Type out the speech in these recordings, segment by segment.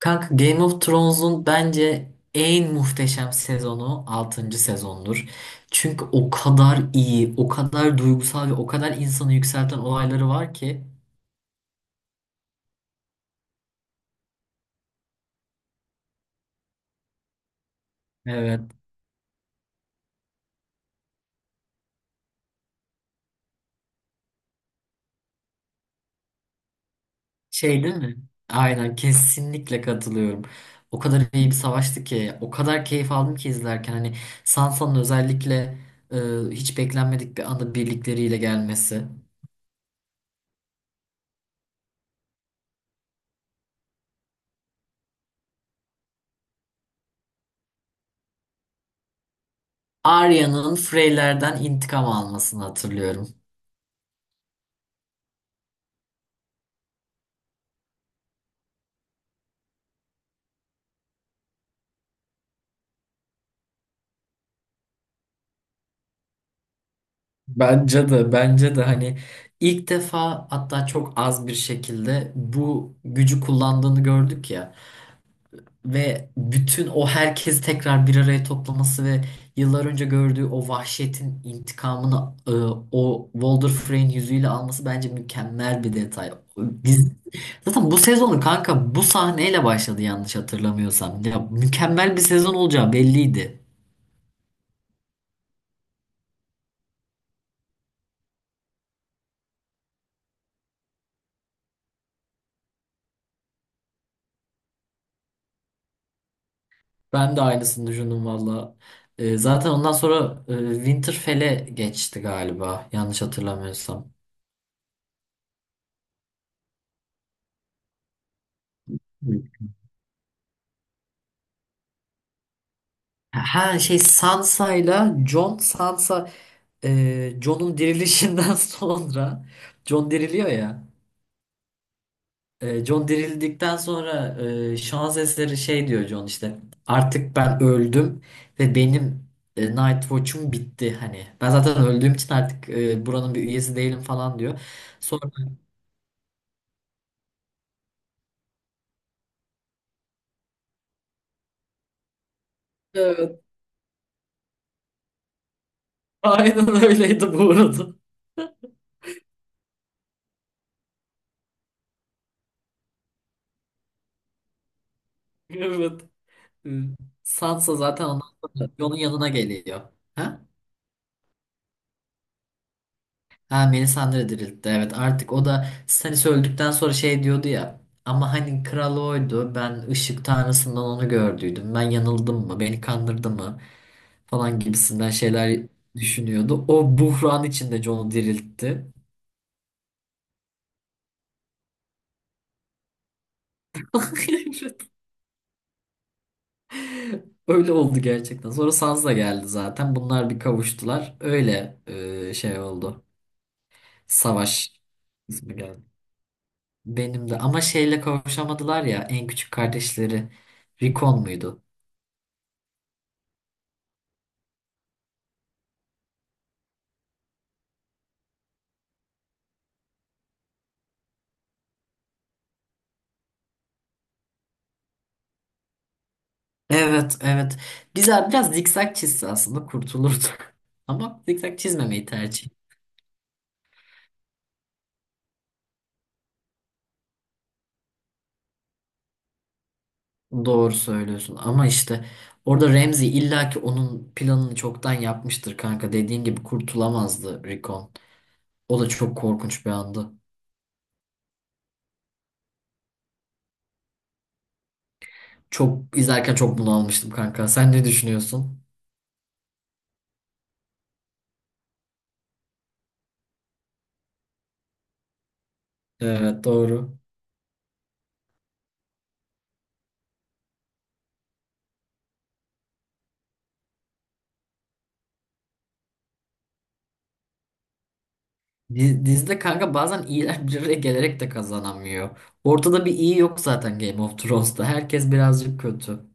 Kanka Game of Thrones'un bence en muhteşem sezonu altıncı sezondur. Çünkü o kadar iyi, o kadar duygusal ve o kadar insanı yükselten olayları var ki. Evet. Şey değil mi? Aynen kesinlikle katılıyorum. O kadar iyi bir savaştı ki, o kadar keyif aldım ki izlerken. Hani Sansa'nın özellikle e, hiç beklenmedik bir anda birlikleriyle gelmesi. Arya'nın Frey'lerden intikam almasını hatırlıyorum. Bence de hani ilk defa hatta çok az bir şekilde bu gücü kullandığını gördük ya ve bütün o herkesi tekrar bir araya toplaması ve yıllar önce gördüğü o vahşetin intikamını e, o Walder Frey'in yüzüyle alması bence mükemmel bir detay. Dizi- Zaten bu sezonu kanka bu sahneyle başladı yanlış hatırlamıyorsam. Ya mükemmel bir sezon olacağı belliydi. Ben de aynısını düşündüm valla. Zaten ondan sonra Winterfell'e geçti galiba. Yanlış hatırlamıyorsam. Hı. Ha şey Sansa'yla Jon, Sansa Jon'un dirilişinden sonra Jon diriliyor ya. Jon dirildikten sonra şans eseri şey diyor Jon işte artık ben öldüm ve benim Night Watch'um bitti hani. Ben zaten öldüğüm için artık buranın bir üyesi değilim falan diyor. Sonra aynen öyleydi bu arada. Evet. Hı. Sansa zaten onun, onun yanına geliyor. Ha? Ha Melisandre diriltti. Evet artık o da Stannis öldükten sonra şey diyordu ya. Ama hani kral oydu. Ben ışık tanrısından onu gördüydüm. Ben yanıldım mı? Beni kandırdı mı? Falan gibisinden şeyler düşünüyordu. O buhran içinde Jon'u diriltti. Öyle oldu gerçekten. Sonra Sansa geldi zaten. Bunlar bir kavuştular. Öyle şey oldu. Savaş ismi geldi. Benim de ama şeyle kavuşamadılar ya en küçük kardeşleri. Rikon muydu? Evet, evet. Güzel biraz zikzak çizse aslında kurtulurdu. Ama zikzak çizmemeyi tercih etti. Doğru söylüyorsun ama işte orada Remzi illaki onun planını çoktan yapmıştır kanka. Dediğin gibi kurtulamazdı Rikon. O da çok korkunç bir andı. Çok izlerken çok bunalmıştım kanka. Sen ne düşünüyorsun? Evet, doğru. Dizide kanka bazen iyiler bir araya gelerek de kazanamıyor. Ortada bir iyi yok zaten Game of Thrones'ta. Herkes birazcık kötü.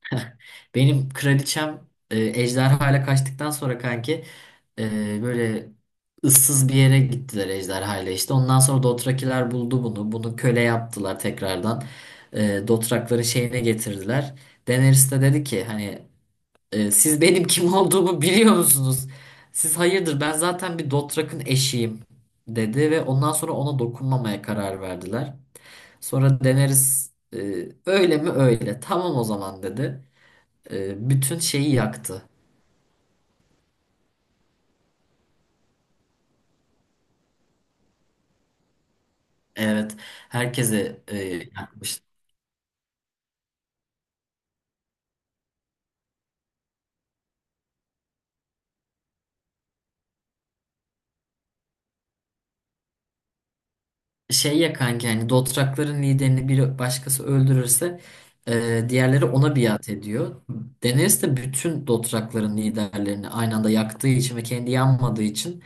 Benim kraliçem ejderhayla kaçtıktan sonra kanki böyle ıssız bir yere gittiler ejderhayla işte. Ondan sonra Dothrakiler buldu bunu. Bunu köle yaptılar tekrardan. Dothrakların şeyine getirdiler. Daenerys de dedi ki hani, siz benim kim olduğumu biliyor musunuz? Siz hayırdır ben zaten bir Dothrak'ın eşiyim dedi ve ondan sonra ona dokunmamaya karar verdiler. Sonra Daenerys, öyle mi, öyle tamam o zaman dedi. Bütün şeyi yaktı. Evet, herkese, yakmış. Şey ya kanki hani Dothrak'ların liderini bir başkası öldürürse diğerleri ona biat ediyor. Daenerys de bütün Dothrak'ların liderlerini aynı anda yaktığı için ve kendi yanmadığı için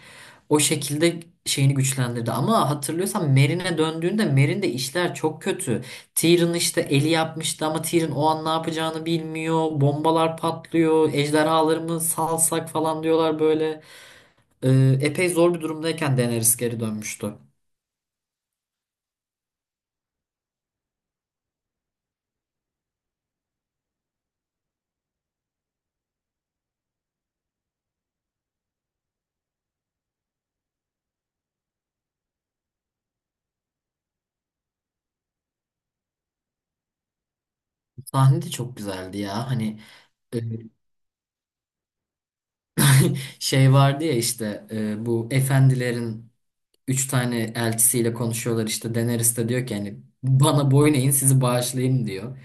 o şekilde şeyini güçlendirdi. Ama hatırlıyorsan Merine döndüğünde Meryn'de işler çok kötü. Tyrion işte eli yapmıştı ama Tyrion o an ne yapacağını bilmiyor. Bombalar patlıyor. Ejderhaları mı salsak falan diyorlar böyle. Epey zor bir durumdayken Daenerys geri dönmüştü. Sahne de çok güzeldi ya. Hani e, şey vardı ya işte bu efendilerin üç tane elçisiyle konuşuyorlar işte Daenerys de diyor ki hani bana boyun eğin sizi bağışlayayım diyor.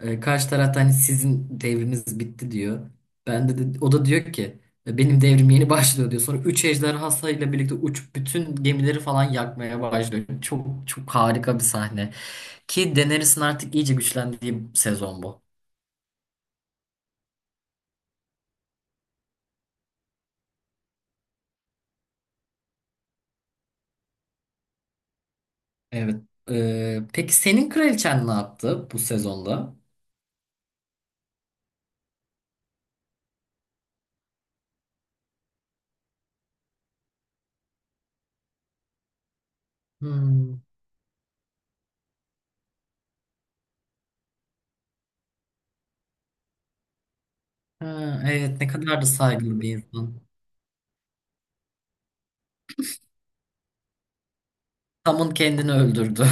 E, karşı tarafta hani sizin devriniz bitti diyor. O da diyor ki, "E, benim devrim yeni başlıyor" diyor. Sonra 3 ejderha ile birlikte uçup bütün gemileri falan yakmaya başlıyor. Çok çok harika bir sahne. Ki Daenerys'in artık iyice güçlendiği sezon bu. Evet. E, peki senin kraliçen ne yaptı bu sezonda? Hmm. Ha, evet ne kadar da saygılı bir insan. Tamın kendini öldürdü.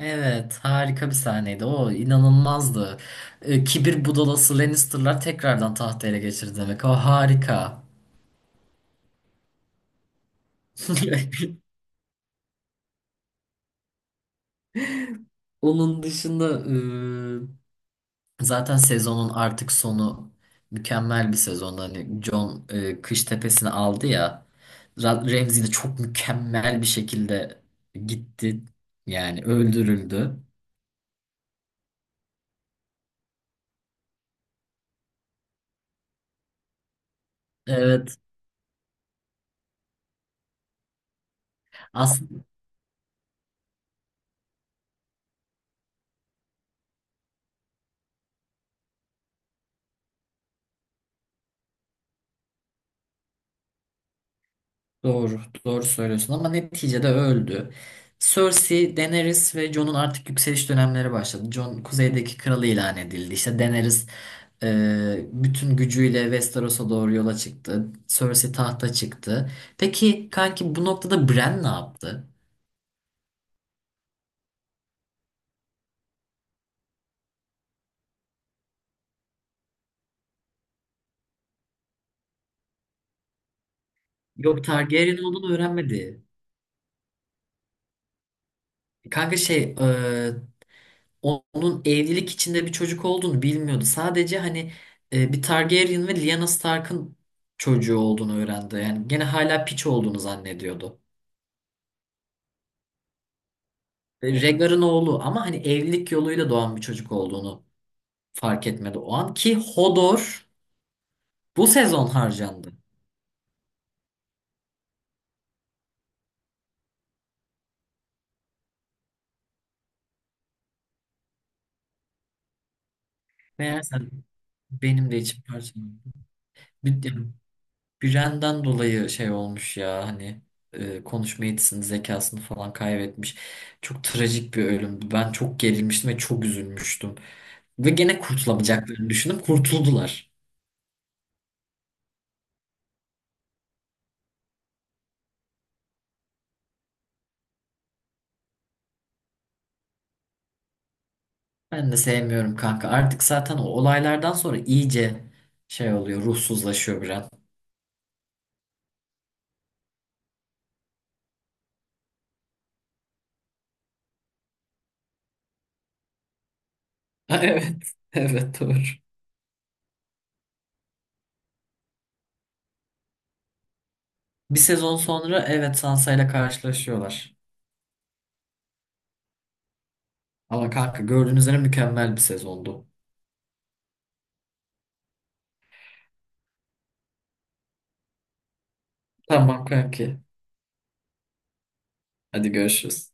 Evet, harika bir sahneydi. O inanılmazdı. Kibir budalası Lannister'lar tekrardan tahtı ele geçirdi demek. O harika. Onun dışında zaten sezonun artık sonu mükemmel bir sezon. Hani Jon Kış Tepesi'ni aldı ya. Ramsay de çok mükemmel bir şekilde gitti. Yani öldürüldü. Evet. Doğru, doğru söylüyorsun ama neticede öldü. Cersei, Daenerys ve Jon'un artık yükseliş dönemleri başladı. Jon kuzeydeki kralı ilan edildi. İşte Daenerys bütün gücüyle Westeros'a doğru yola çıktı. Cersei tahta çıktı. Peki kanki bu noktada Bran ne yaptı? Yok, Targaryen olduğunu öğrenmedi. Kanka şey onun evlilik içinde bir çocuk olduğunu bilmiyordu. Sadece hani bir Targaryen ve Lyanna Stark'ın çocuğu olduğunu öğrendi. Yani gene hala piç olduğunu zannediyordu. Ve Rhaegar'ın oğlu ama hani evlilik yoluyla doğan bir çocuk olduğunu fark etmedi o an ki Hodor bu sezon harcandı. Meğerse benim de içim parçalandı. Biren'den dolayı şey olmuş ya hani konuşma yetisini zekasını falan kaybetmiş. Çok trajik bir ölümdü. Ben çok gerilmiştim ve çok üzülmüştüm. Ve gene kurtulamayacaklarını düşündüm. Kurtuldular. Ben de sevmiyorum kanka. Artık zaten o olaylardan sonra iyice şey oluyor. Ruhsuzlaşıyor Biren. Evet. Evet, doğru. Bir sezon sonra evet Sansa ile karşılaşıyorlar. Ama kanka gördüğünüz üzere mükemmel bir sezondu. Tamam kanki. Hadi görüşürüz.